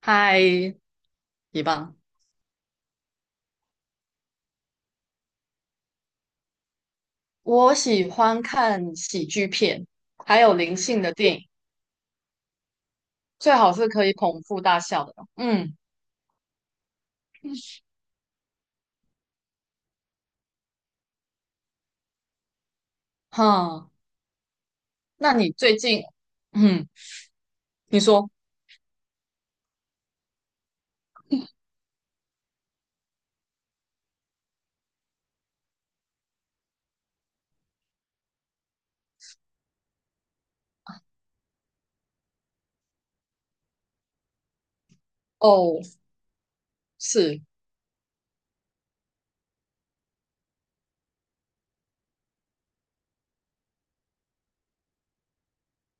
嗨，一棒！我喜欢看喜剧片，还有灵性的电影，最好是可以捧腹大笑的。嗯，哈，那你最近，嗯，你说，哦，是，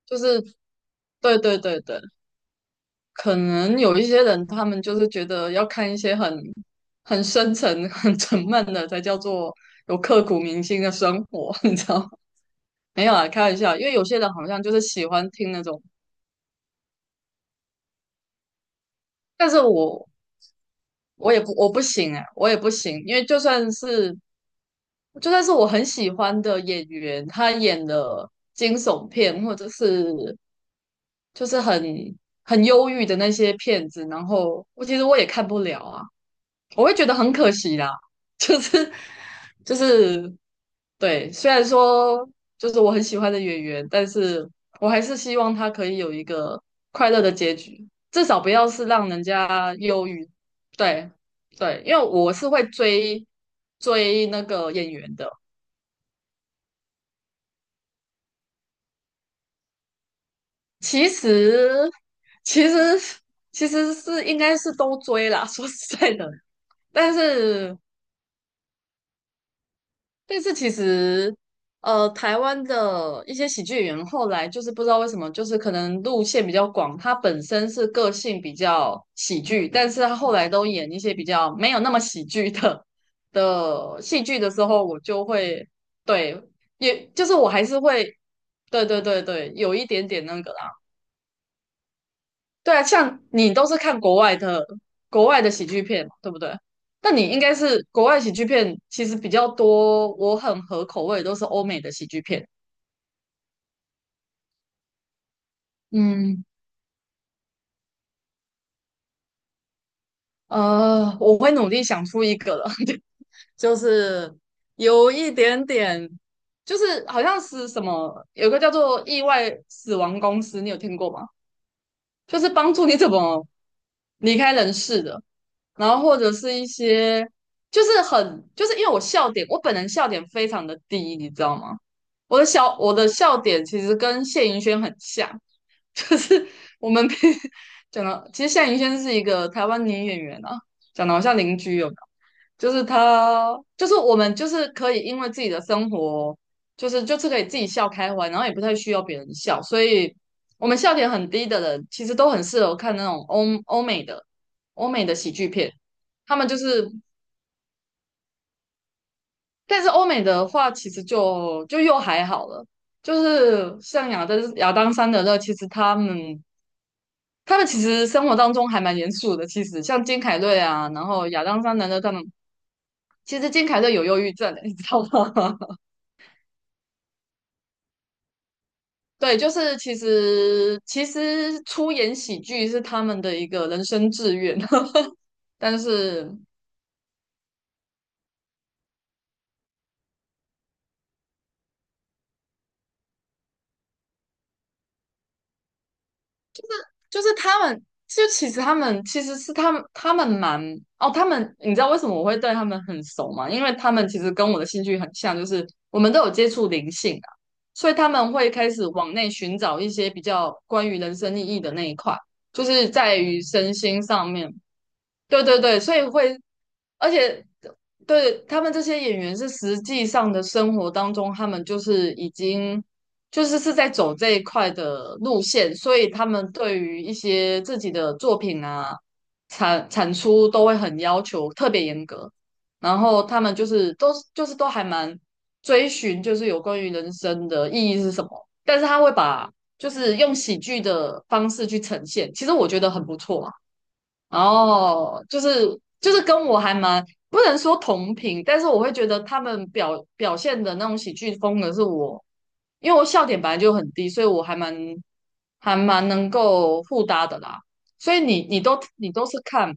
就是，对对对对，可能有一些人他们就是觉得要看一些很深沉、很沉闷的，才叫做有刻骨铭心的生活，你知道吗？没有啊，开玩笑，因为有些人好像就是喜欢听那种，但是我也不行哎、我也不行，因为就算是我很喜欢的演员，他演的惊悚片或者是就是很忧郁的那些片子，然后我其实也看不了啊。我会觉得很可惜啦，就是就是对，虽然说就是我很喜欢的演员，但是我还是希望他可以有一个快乐的结局，至少不要是让人家忧郁。对对，因为我是会追那个演员的，其实其实其实是应该是都追啦，说实在的，但是但是其实，台湾的一些喜剧演员后来就是不知道为什么，就是可能路线比较广，他本身是个性比较喜剧，但是他后来都演一些比较没有那么喜剧的戏剧的时候，我就会对，也就是我还是会，对对对对，有一点点那个。对啊，像你都是看国外的喜剧片嘛对不对？那你应该是国外喜剧片其实比较多，我很合口味，都是欧美的喜剧片。嗯，我会努力想出一个了，就是有一点点，就是好像是什么，有个叫做《意外死亡公司》，你有听过吗？就是帮助你怎么离开人世的，然后或者是一些就是很就是因为我笑点，我本人笑点非常的低，你知道吗？我的笑点其实跟谢盈萱很像，就是我们平 讲到，其实夏银轩是一个台湾女演员啊，讲的好像邻居有没有？就是她，就是我们，就是可以因为自己的生活，就是可以自己笑开怀，然后也不太需要别人笑，所以我们笑点很低的人，其实都很适合看那种欧欧美的喜剧片，他们就是，但是欧美的话，其实就又还好了。就是像亚当·山德勒，其实他们其实生活当中还蛮严肃的，其实像金凯瑞啊，然后亚当·桑德的他们，其实金凯瑞有忧郁症的，你知道吗？对，就是其实出演喜剧是他们的一个人生志愿，但是就是他们，就其实他们其实是他们，他们蛮哦，他们你知道为什么我会对他们很熟吗？因为他们其实跟我的兴趣很像，就是我们都有接触灵性啊，所以他们会开始往内寻找一些比较关于人生意义的那一块，就是在于身心上面。对对对，所以会而且对他们这些演员是实际上的生活当中，他们就是已经就是是在走这一块的路线，所以他们对于一些自己的作品啊产出都会很要求，特别严格。然后他们就是都还蛮追寻，就是有关于人生的意义是什么，但是他会把就是用喜剧的方式去呈现，其实我觉得很不错啊。哦，就是跟我还蛮不能说同频，但是我会觉得他们表现的那种喜剧风格是我，因为我笑点本来就很低，所以我还还蛮能够互搭的啦。所以你都是看，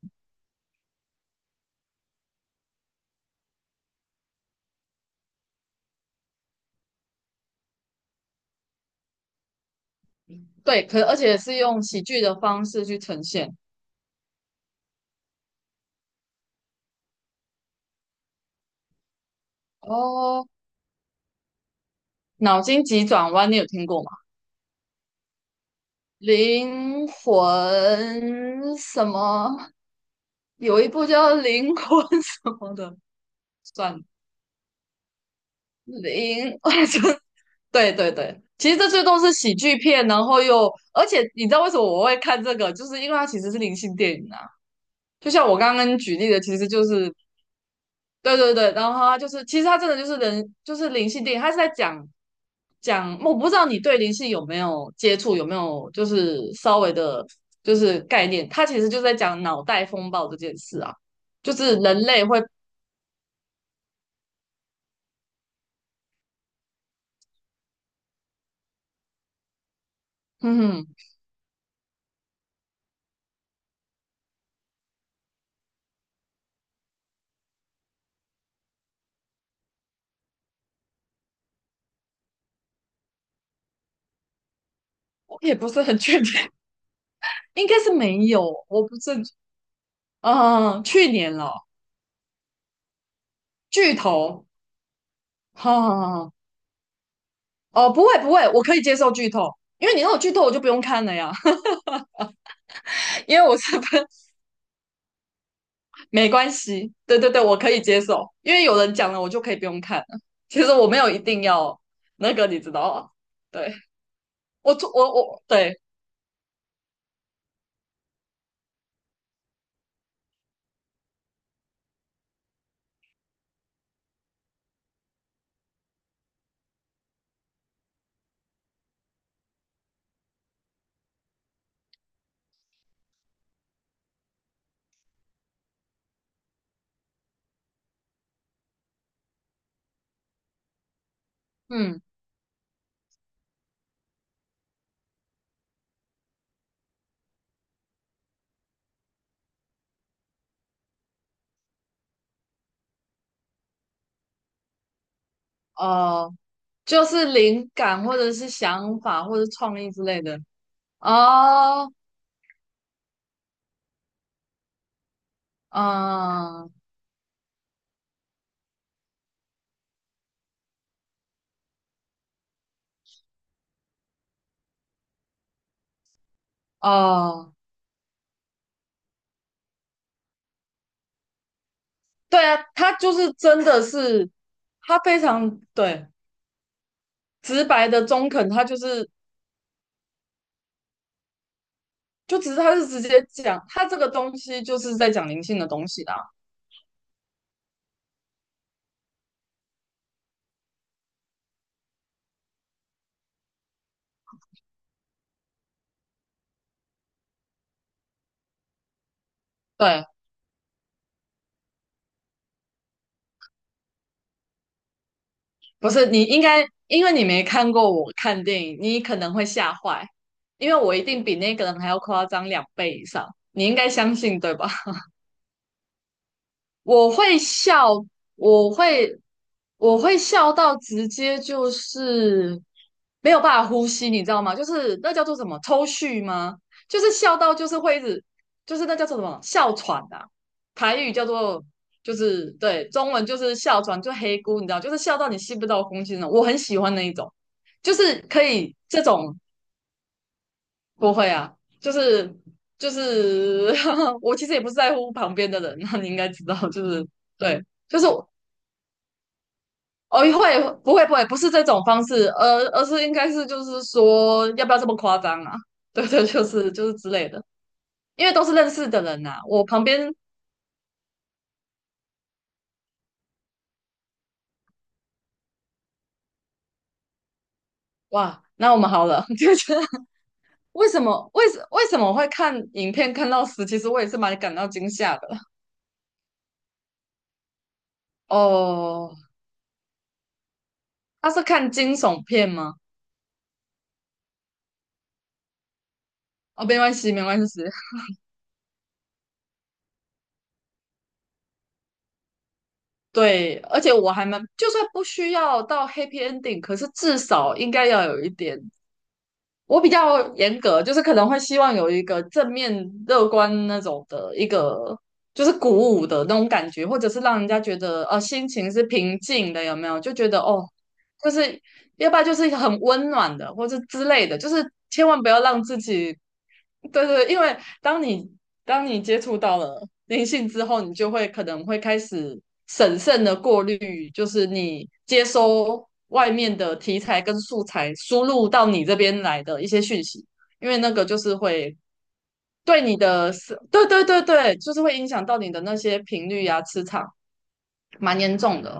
对，可而且是用喜剧的方式去呈现。哦，脑筋急转弯你有听过吗？灵魂什么？有一部叫《灵魂》什么的，算了。零，我就对对对，其实这最多是喜剧片，然后又，而且你知道为什么我会看这个，就是因为它其实是灵性电影啊。就像我刚刚举例的，其实就是对对对，然后它就是，其实它真的就是人，就是灵性电影，它是在讲，我不知道你对灵性有没有接触，有没有就是稍微的，就是概念，它其实就是在讲脑袋风暴这件事啊，就是人类会，嗯，我也不是很确定，应该是没有，我不是嗯，去年了，剧透，哈，哦，不会，我可以接受剧透，因为你让我剧透，我就不用看了呀，因为我是分，没关系，对对对，我可以接受，因为有人讲了，我就可以不用看了。其实我没有一定要那个，你知道吗？对，我做我我对，嗯，哦，就是灵感或者是想法或者创意之类的，哦，嗯，哦。对啊，他就是真的是，他非常对直白的中肯，他就只是他是直接讲，他这个东西就是在讲灵性的东西啦。对，不是你应该，因为你没看过我看电影，你可能会吓坏，因为我一定比那个人还要夸张两倍以上，你应该相信对吧？我会笑，我会我会笑到直接就是没有办法呼吸，你知道吗？就是那叫做什么抽蓄吗？就是笑到就是会一直就是那叫做什么哮喘啊，台语叫做就是对，中文就是哮喘，就黑姑，你知道，就是笑到你吸不到空气那种。我很喜欢那一种，就是可以这种。不会啊，就是就是，我其实也不是在乎旁边的人啊，那你应该知道，就是对，就是我哦，会不会，不是这种方式，而是应该是就是说，要不要这么夸张啊？对对，就是之类的，因为都是认识的人呐、我旁边哇，那我们好了，就觉得为什么会看影片看到死？其实我也是蛮感到惊吓的。哦，他是看惊悚片吗？哦，没关系。对，而且我还蛮，就算不需要到 happy ending,可是至少应该要有一点。我比较严格，就是可能会希望有一个正面乐观那种的一个，就是鼓舞的那种感觉，或者是让人家觉得心情是平静的，有没有？就觉得哦就是要不然就是很温暖的，或者之类的，就是千万不要让自己，对对，因为当你当你接触到了灵性之后，你就会可能会开始审慎的过滤，就是你接收外面的题材跟素材输入到你这边来的一些讯息，因为那个就是会对你的思，对对对对，就是会影响到你的那些频率啊、磁场，蛮严重的。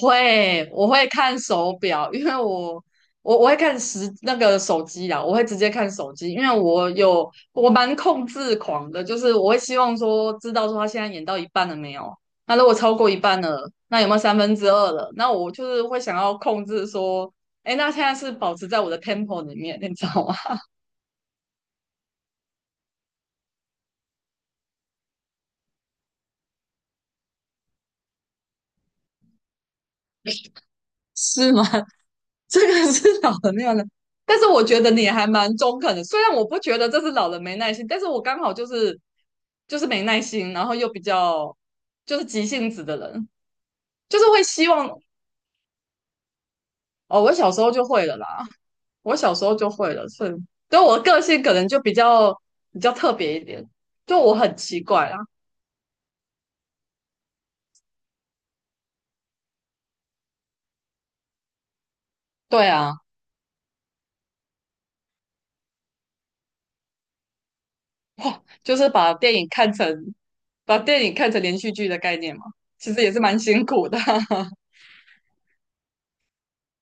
会，我会看手表，因为我我会看时那个手机啊，我会直接看手机，因为我有我蛮控制狂的，就是我会希望说知道说他现在演到一半了没有，那如果超过一半了，那有没有三分之二了？那我就是会想要控制说，哎，那现在是保持在我的 tempo 里面，你知道吗？是吗？这个是 老人没有耐，但是我觉得你还蛮中肯的。虽然我不觉得这是老人没耐心，但是我刚好就是没耐心，然后又比较就是急性子的人，就是会希望哦，我小时候就会了啦，我小时候就会了，所以对我个性可能就比较特别一点，就我很奇怪啊，对啊，哇，就是把电影看成把电影看成连续剧的概念嘛，其实也是蛮辛苦的。